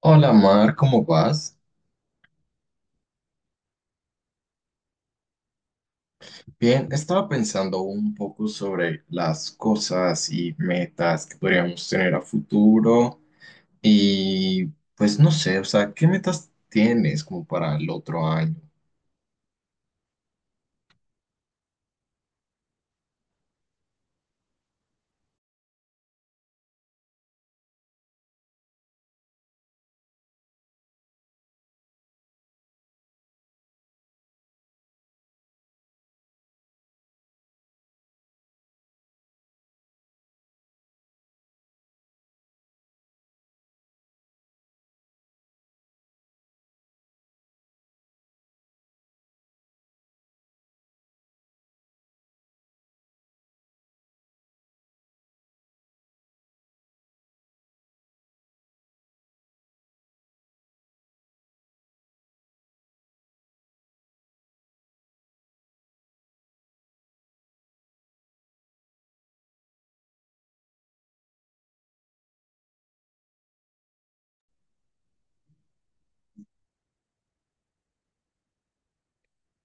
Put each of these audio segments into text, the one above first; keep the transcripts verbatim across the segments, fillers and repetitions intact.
Hola Mar, ¿cómo vas? Bien, estaba pensando un poco sobre las cosas y metas que podríamos tener a futuro y pues no sé, o sea, ¿qué metas tienes como para el otro año?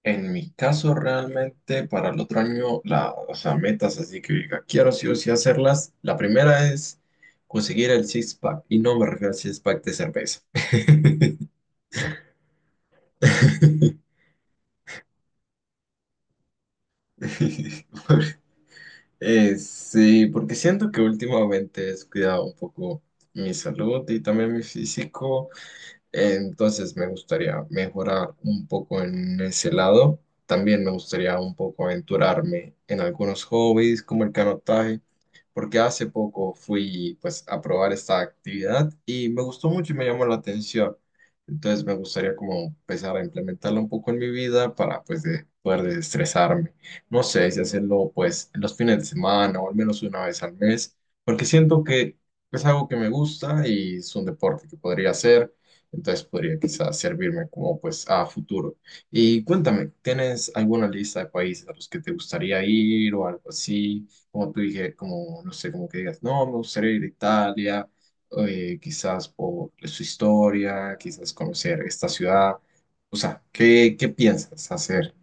En mi caso realmente para el otro año, la, o sea, metas así que diga, quiero sí o sí hacerlas. La primera es conseguir el six-pack y no me refiero al six-pack de cerveza. Eh, sí, porque siento que últimamente he descuidado un poco mi salud y también mi físico. Entonces me gustaría mejorar un poco en ese lado. También me gustaría un poco aventurarme en algunos hobbies como el canotaje, porque hace poco fui pues a probar esta actividad y me gustó mucho y me llamó la atención. Entonces me gustaría como empezar a implementarla un poco en mi vida para pues de- poder desestresarme. No sé si hacerlo pues en los fines de semana o al menos una vez al mes, porque siento que es algo que me gusta y es un deporte que podría hacer, entonces podría quizás servirme como pues a futuro. Y cuéntame, ¿tienes alguna lista de países a los que te gustaría ir o algo así? Como tú dije, como no sé, como que digas, no, me gustaría ir a Italia, eh, quizás por su historia, quizás conocer esta ciudad. O sea, ¿qué, qué piensas hacer?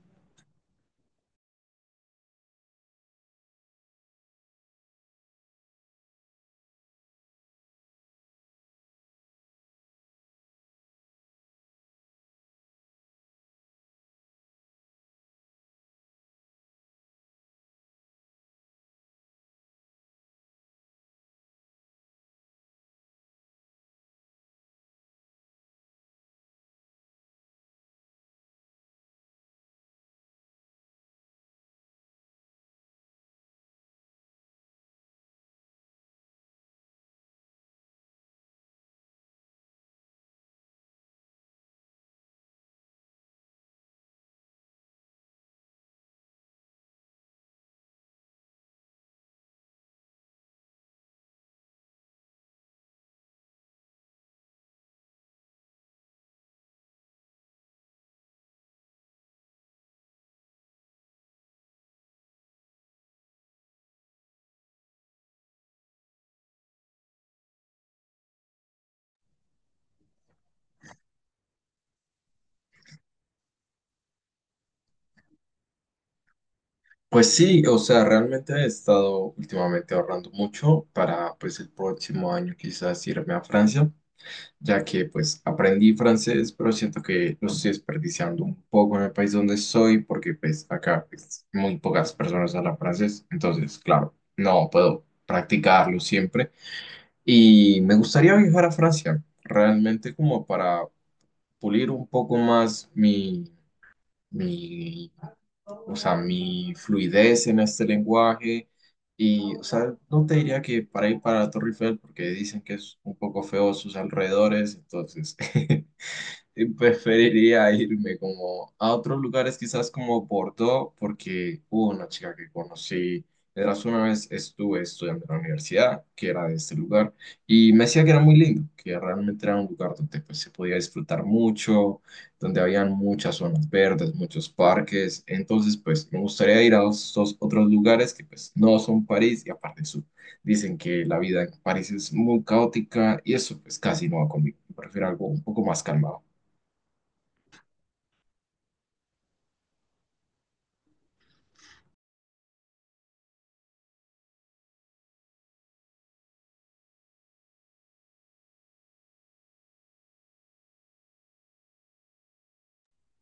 Pues sí, o sea, realmente he estado últimamente ahorrando mucho para pues el próximo año quizás irme a Francia, ya que pues aprendí francés, pero siento que lo estoy desperdiciando un poco en el país donde soy, porque pues acá pues, muy pocas personas hablan francés, entonces claro, no puedo practicarlo siempre. Y me gustaría viajar a Francia, realmente como para pulir un poco más mi, mi o sea, mi fluidez en este lenguaje. Y, o sea, no te diría que para ir para la Torre Eiffel, porque dicen que es un poco feo sus alrededores, entonces. eh, preferiría irme como a otros lugares, quizás como Bordeaux, porque hubo una chica que conocí, eras una vez estuve estudiando en la universidad, que era de este lugar, y me decía que era muy lindo, que realmente era un lugar donde pues, se podía disfrutar mucho, donde habían muchas zonas verdes, muchos parques, entonces pues me gustaría ir a esos otros lugares que pues no son París. Y aparte su- dicen que la vida en París es muy caótica y eso pues casi no va conmigo. Prefiero algo un poco más calmado.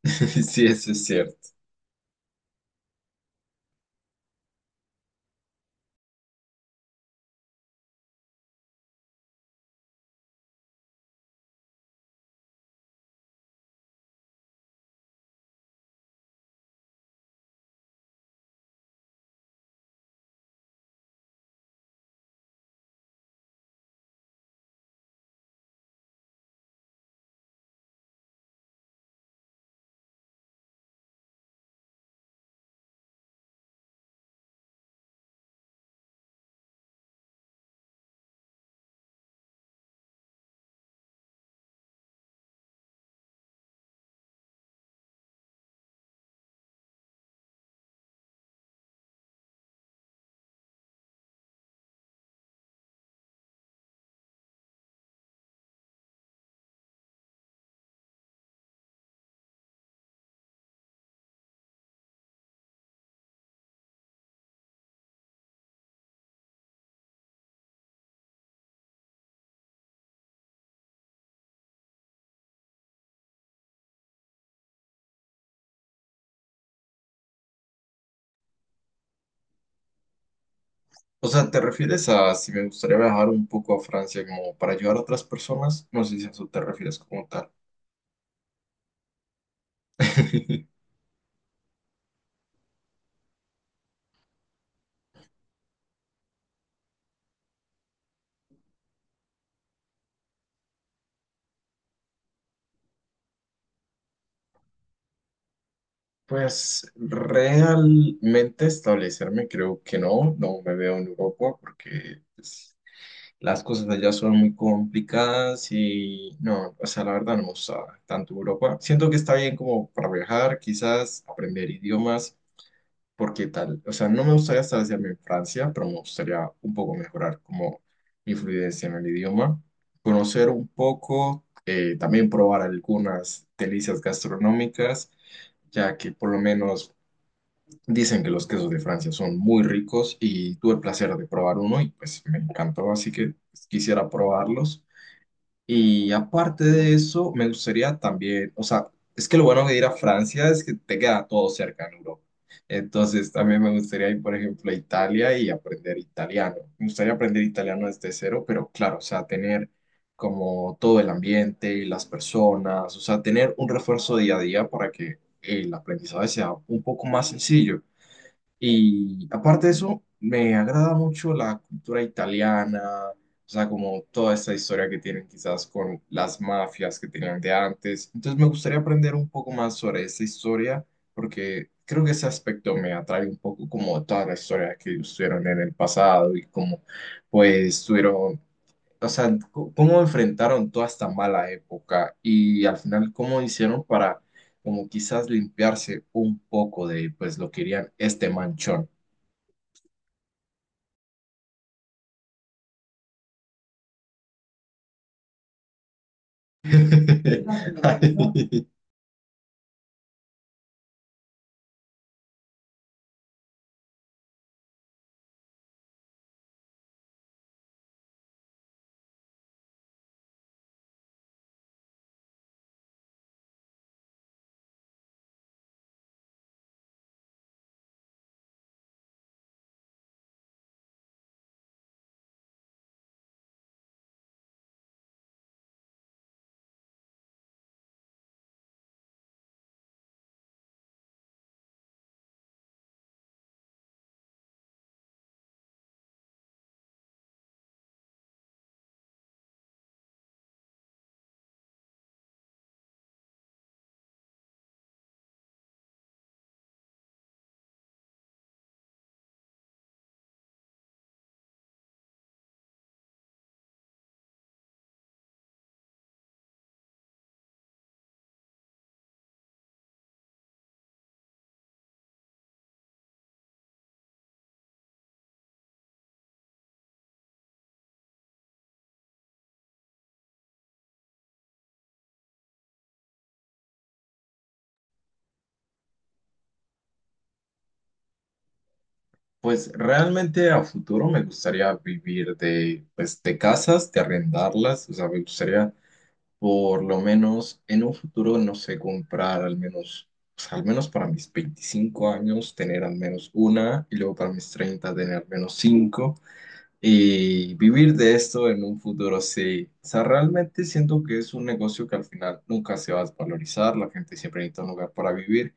Sí, eso es cierto. O sea, ¿te refieres a si me gustaría viajar un poco a Francia como para ayudar a otras personas? No sé si a eso te refieres como tal. Pues realmente establecerme creo que no, no me veo en Europa porque pues, las cosas allá son muy complicadas y no, o sea, la verdad no me gusta tanto Europa. Siento que está bien como para viajar, quizás aprender idiomas, porque tal, o sea, no me gustaría estar haciendo en Francia, pero me gustaría un poco mejorar como mi fluidez en el idioma, conocer un poco, eh, también probar algunas delicias gastronómicas, ya que por lo menos dicen que los quesos de Francia son muy ricos y tuve el placer de probar uno y pues me encantó, así que quisiera probarlos. Y aparte de eso, me gustaría también, o sea, es que lo bueno de ir a Francia es que te queda todo cerca en Europa. Entonces, también me gustaría ir, por ejemplo, a Italia y aprender italiano. Me gustaría aprender italiano desde cero, pero claro, o sea, tener como todo el ambiente, las personas, o sea, tener un refuerzo día a día para que el aprendizaje sea un poco más sencillo. Y aparte de eso, me agrada mucho la cultura italiana, o sea, como toda esta historia que tienen quizás con las mafias que tenían de antes. Entonces me gustaría aprender un poco más sobre esa historia, porque creo que ese aspecto me atrae un poco como toda la historia que ellos tuvieron en el pasado y como pues tuvieron, o sea, c- cómo enfrentaron toda esta mala época y al final cómo hicieron para como quizás limpiarse un poco de pues lo que querían este manchón. Pues realmente a futuro me gustaría vivir de, pues, de casas, de arrendarlas, o sea, me gustaría por lo menos en un futuro, no sé, comprar al menos, pues, al menos para mis veinticinco años tener al menos una y luego para mis treinta tener al menos cinco y vivir de esto en un futuro, sí. O sea, realmente siento que es un negocio que al final nunca se va a desvalorizar, la gente siempre necesita un lugar para vivir.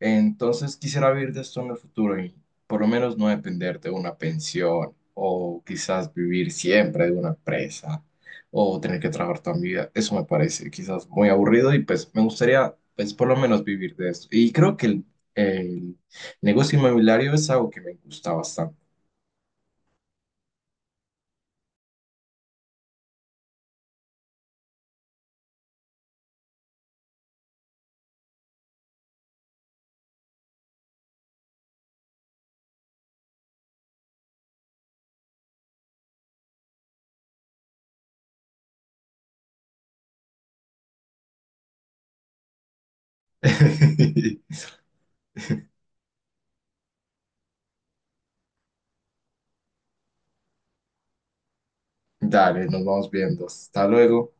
Entonces quisiera vivir de esto en el futuro y por lo menos no depender de una pensión o quizás vivir siempre de una empresa o tener que trabajar toda mi vida. Eso me parece quizás muy aburrido y pues me gustaría pues por lo menos vivir de esto. Y creo que el, el negocio inmobiliario es algo que me gusta bastante. Dale, nos vamos viendo. Hasta luego.